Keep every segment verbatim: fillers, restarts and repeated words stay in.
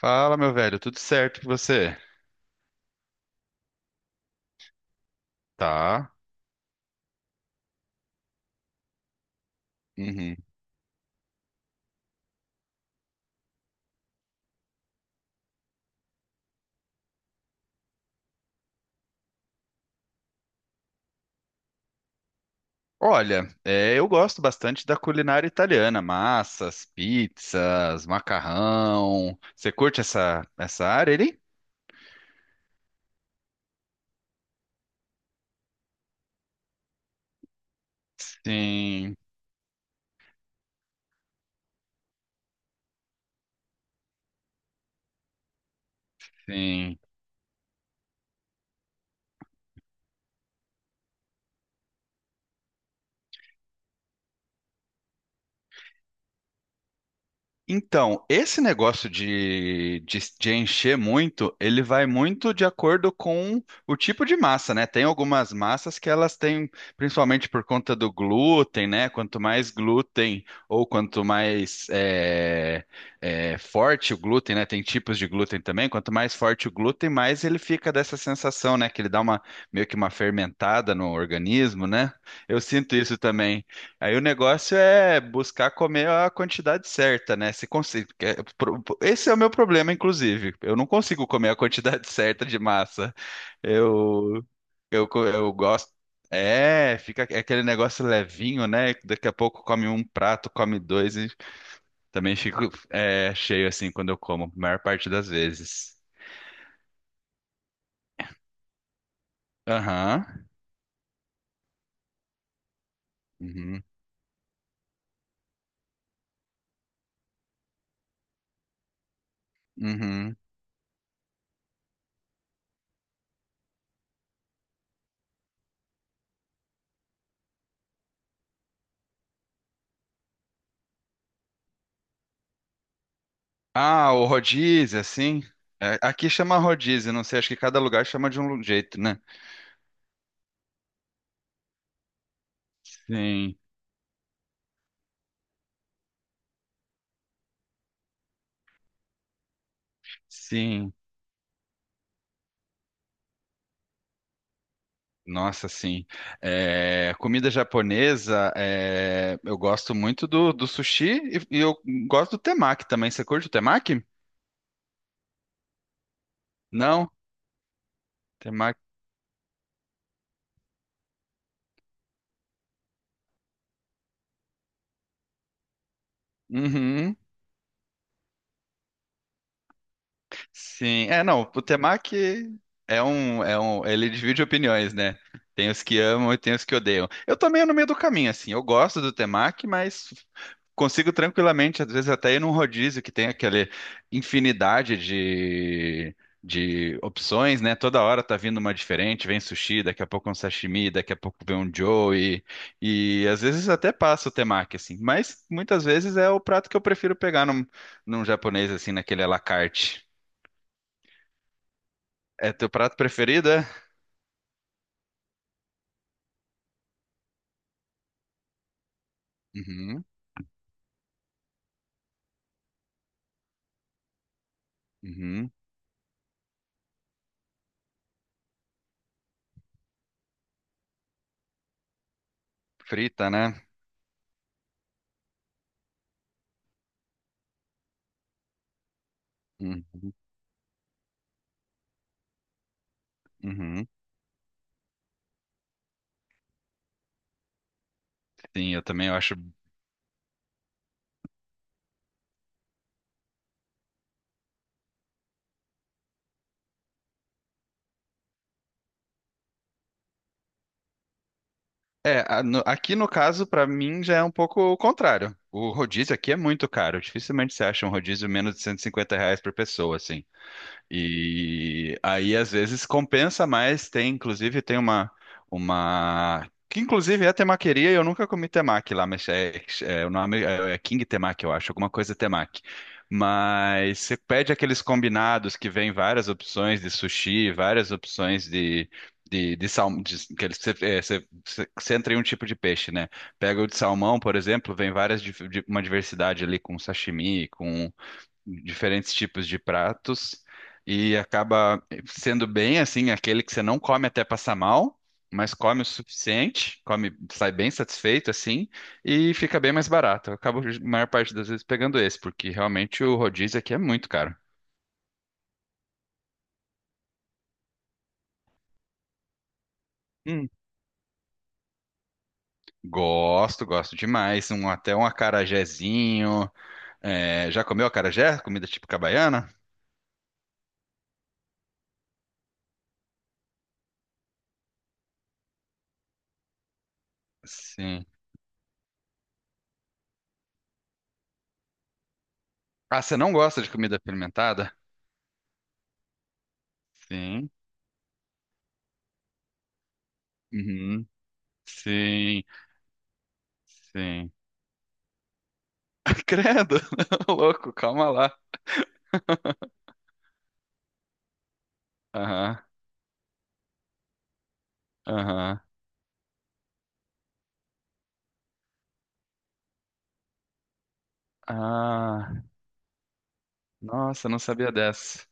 Fala, meu velho, tudo certo com você? Tá. Uhum. Olha, é, eu gosto bastante da culinária italiana, massas, pizzas, macarrão. Você curte essa, essa área ali? Sim, sim. Então, esse negócio de, de, de encher muito, ele vai muito de acordo com o tipo de massa, né? Tem algumas massas que elas têm, principalmente por conta do glúten, né? Quanto mais glúten ou quanto mais é, é, forte o glúten, né? Tem tipos de glúten também. Quanto mais forte o glúten, mais ele fica dessa sensação, né? Que ele dá uma meio que uma fermentada no organismo, né? Eu sinto isso também. Aí o negócio é buscar comer a quantidade certa, né? Se consigo, esse é o meu problema, inclusive. Eu não consigo comer a quantidade certa de massa. Eu, eu, co- eu gosto. É, fica aquele negócio levinho, né? Daqui a pouco come um prato, come dois e também fico é, cheio assim quando eu como, a maior parte das vezes. Aham. Uhum. Uhum. Ah, o rodízio, assim. É, aqui chama rodízio, não sei, acho que cada lugar chama de um jeito, né? Sim, sim. Nossa, sim. É, comida japonesa, é, eu gosto muito do, do sushi e, e eu gosto do temaki também. Você curte o temaki? Não? Temaki. Uhum. Sim. É, não, o temaki é um, é um, ele divide opiniões, né? Tem os que amam e tem os que odeiam. Eu também meio no meio do caminho, assim. Eu gosto do temaki, mas consigo tranquilamente, às vezes até ir num rodízio que tem aquela infinidade de, de opções, né? Toda hora tá vindo uma diferente, vem sushi, daqui a pouco um sashimi, daqui a pouco vem um joey, e às vezes até passa o temaki, assim. Mas muitas vezes é o prato que eu prefiro pegar num, num japonês, assim, naquele à la carte. É teu prato preferido, é? Uhum, uhum. Frita, né? Uhum, uhum. Sim, eu também acho. É, a- no- aqui no caso, pra mim, já é um pouco o contrário. O rodízio aqui é muito caro. Dificilmente você acha um rodízio menos de cento e cinquenta reais por pessoa, assim. E aí, às vezes, compensa mais. Tem, inclusive, tem uma, uma... Que, inclusive, é temaqueria e eu nunca comi temaki lá, mas é, é- o nome é, é King Temaki, eu acho, alguma coisa temaki. Mas você pede aqueles combinados que vem várias opções de sushi, várias opções de... De, de salmão, que eles- você, é, você, você você entra em um tipo de peixe, né? Pega o de salmão, por exemplo, vem várias, dif- de- uma diversidade ali com sashimi, diferentes tipos de pratos e acaba sendo bem assim aquele que você não come até passar mal, mas come o suficiente, come, sai bem satisfeito assim e fica bem mais barato. Eu acabo a maior parte das vezes pegando esse, porque realmente o rodízio aqui é muito caro. Hum. Gosto, gosto demais. Um, até um acarajézinho. É, já comeu acarajé? Comida típica baiana? Sim. Ah, você não gosta de comida fermentada? Sim. Uhum. Sim. Sim. Credo, louco, calma lá. Aham, aham. Ah, nossa, não sabia dessa.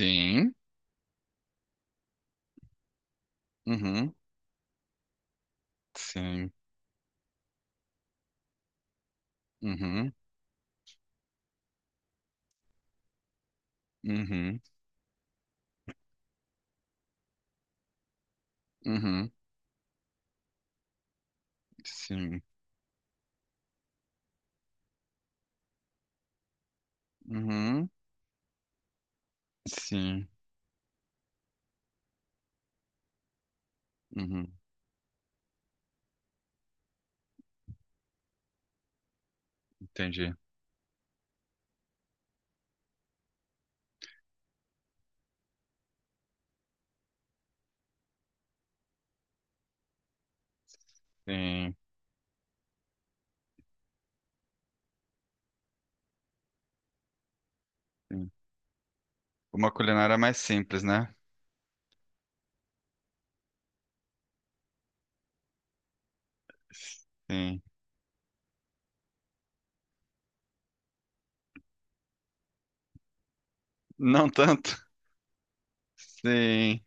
Sim, uhum, sim, uhum, uhum, uhum, sim, uhum, sim, uhum, entendi. Sim, sim. Uma culinária mais simples, né? Sim. Não tanto? Sim.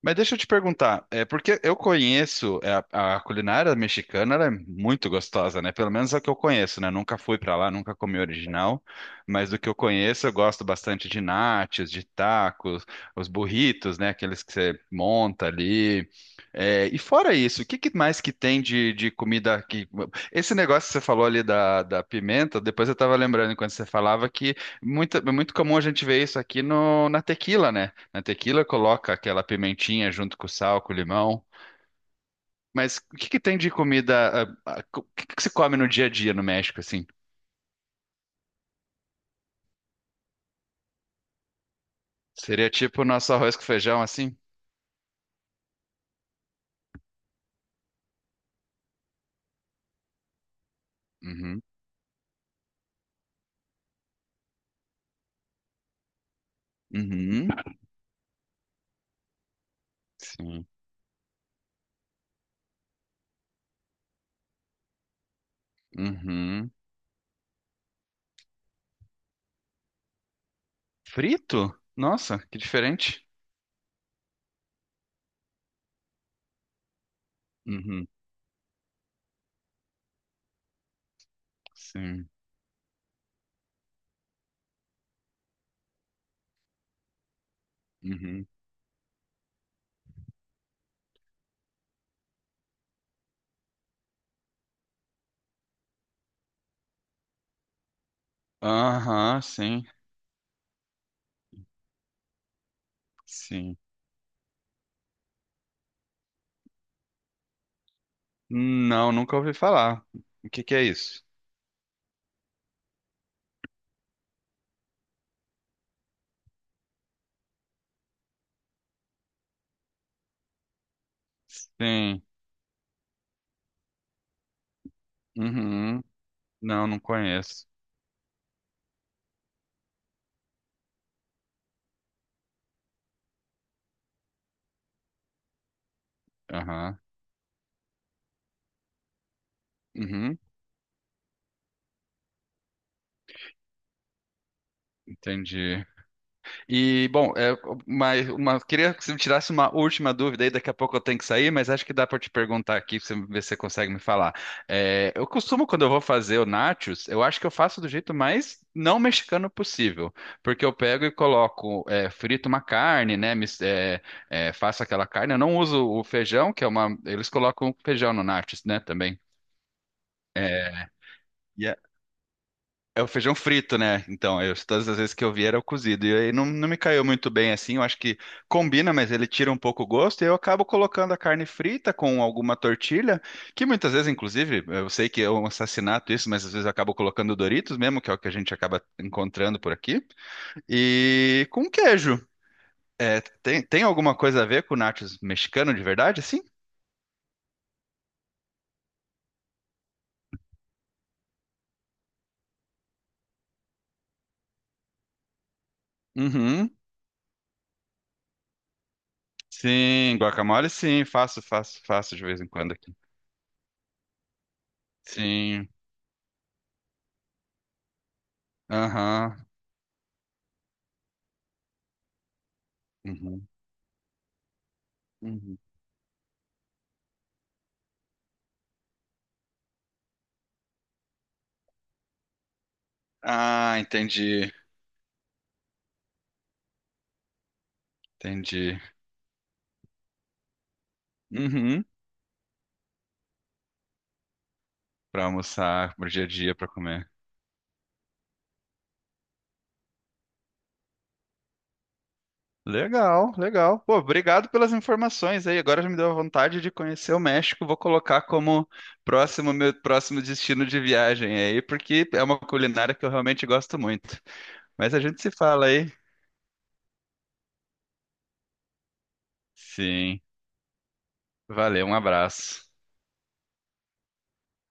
Mas deixa eu te perguntar, é porque eu conheço é, a, a culinária mexicana, ela é muito gostosa, né? Pelo menos a que eu conheço, né? Nunca fui pra lá, nunca comi original, mas do que eu conheço, eu gosto bastante de nachos, de tacos, os burritos, né? Aqueles que você monta ali. É, e fora isso, o que que mais que tem de, de comida que... Esse negócio que você falou ali da, da pimenta, depois eu tava lembrando enquanto você falava que muito, é muito comum a gente ver isso aqui no, na tequila, né? Na tequila coloca aquela pimentinha junto com o sal, com o limão. Mas o que que tem de comida? ah, ah, co- O que que se come no dia a dia no México, assim? Seria tipo o nosso arroz com feijão, assim? Uhum. Uhum. Sim. Uhum. Frito? Nossa, que diferente. Uhum. Sim. Uhum. Aham, sim. Sim. Não, nunca ouvi falar. O que que é isso? Sim. Uhum. Não, não conheço. Aham. Uhum. Entendi. E, bom, é, mas uma, queria que você me tirasse uma última dúvida aí, daqui a pouco eu tenho que sair, mas acho que dá para te perguntar aqui, pra você ver se você consegue me falar. É, eu costumo, quando eu vou fazer o nachos, eu acho que eu faço do jeito mais não mexicano possível, porque eu pego e coloco, é, frito uma carne, né, mis- é, é, faço aquela carne, eu não uso o feijão, que é uma... Eles colocam feijão no nachos, né, também. É o feijão frito, né? Então, eu, todas as vezes que eu vi era o cozido. E aí não, não me caiu muito bem assim. Eu acho que combina, mas ele tira um pouco o gosto. E eu acabo colocando a carne frita com alguma tortilha, que muitas vezes, inclusive, eu sei que é um assassinato isso, mas às vezes eu acabo colocando Doritos mesmo, que é o que a gente acaba encontrando por aqui. E com queijo. É, tem, tem alguma coisa a ver com nachos mexicano de verdade, assim? Uhum. Sim, guacamole, sim. Faço, faço, faço de vez em quando aqui. Sim. Aham. Uhum. Uhum. Ah, entendi. Entendi. Uhum. Para almoçar, pro dia a dia, para comer. Legal, legal. Pô, obrigado pelas informações aí. Agora já me deu a vontade de conhecer o México. Vou colocar como próximo meu próximo destino de viagem aí, porque é uma culinária que eu realmente gosto muito. Mas a gente se fala aí. Sim. Valeu, um abraço.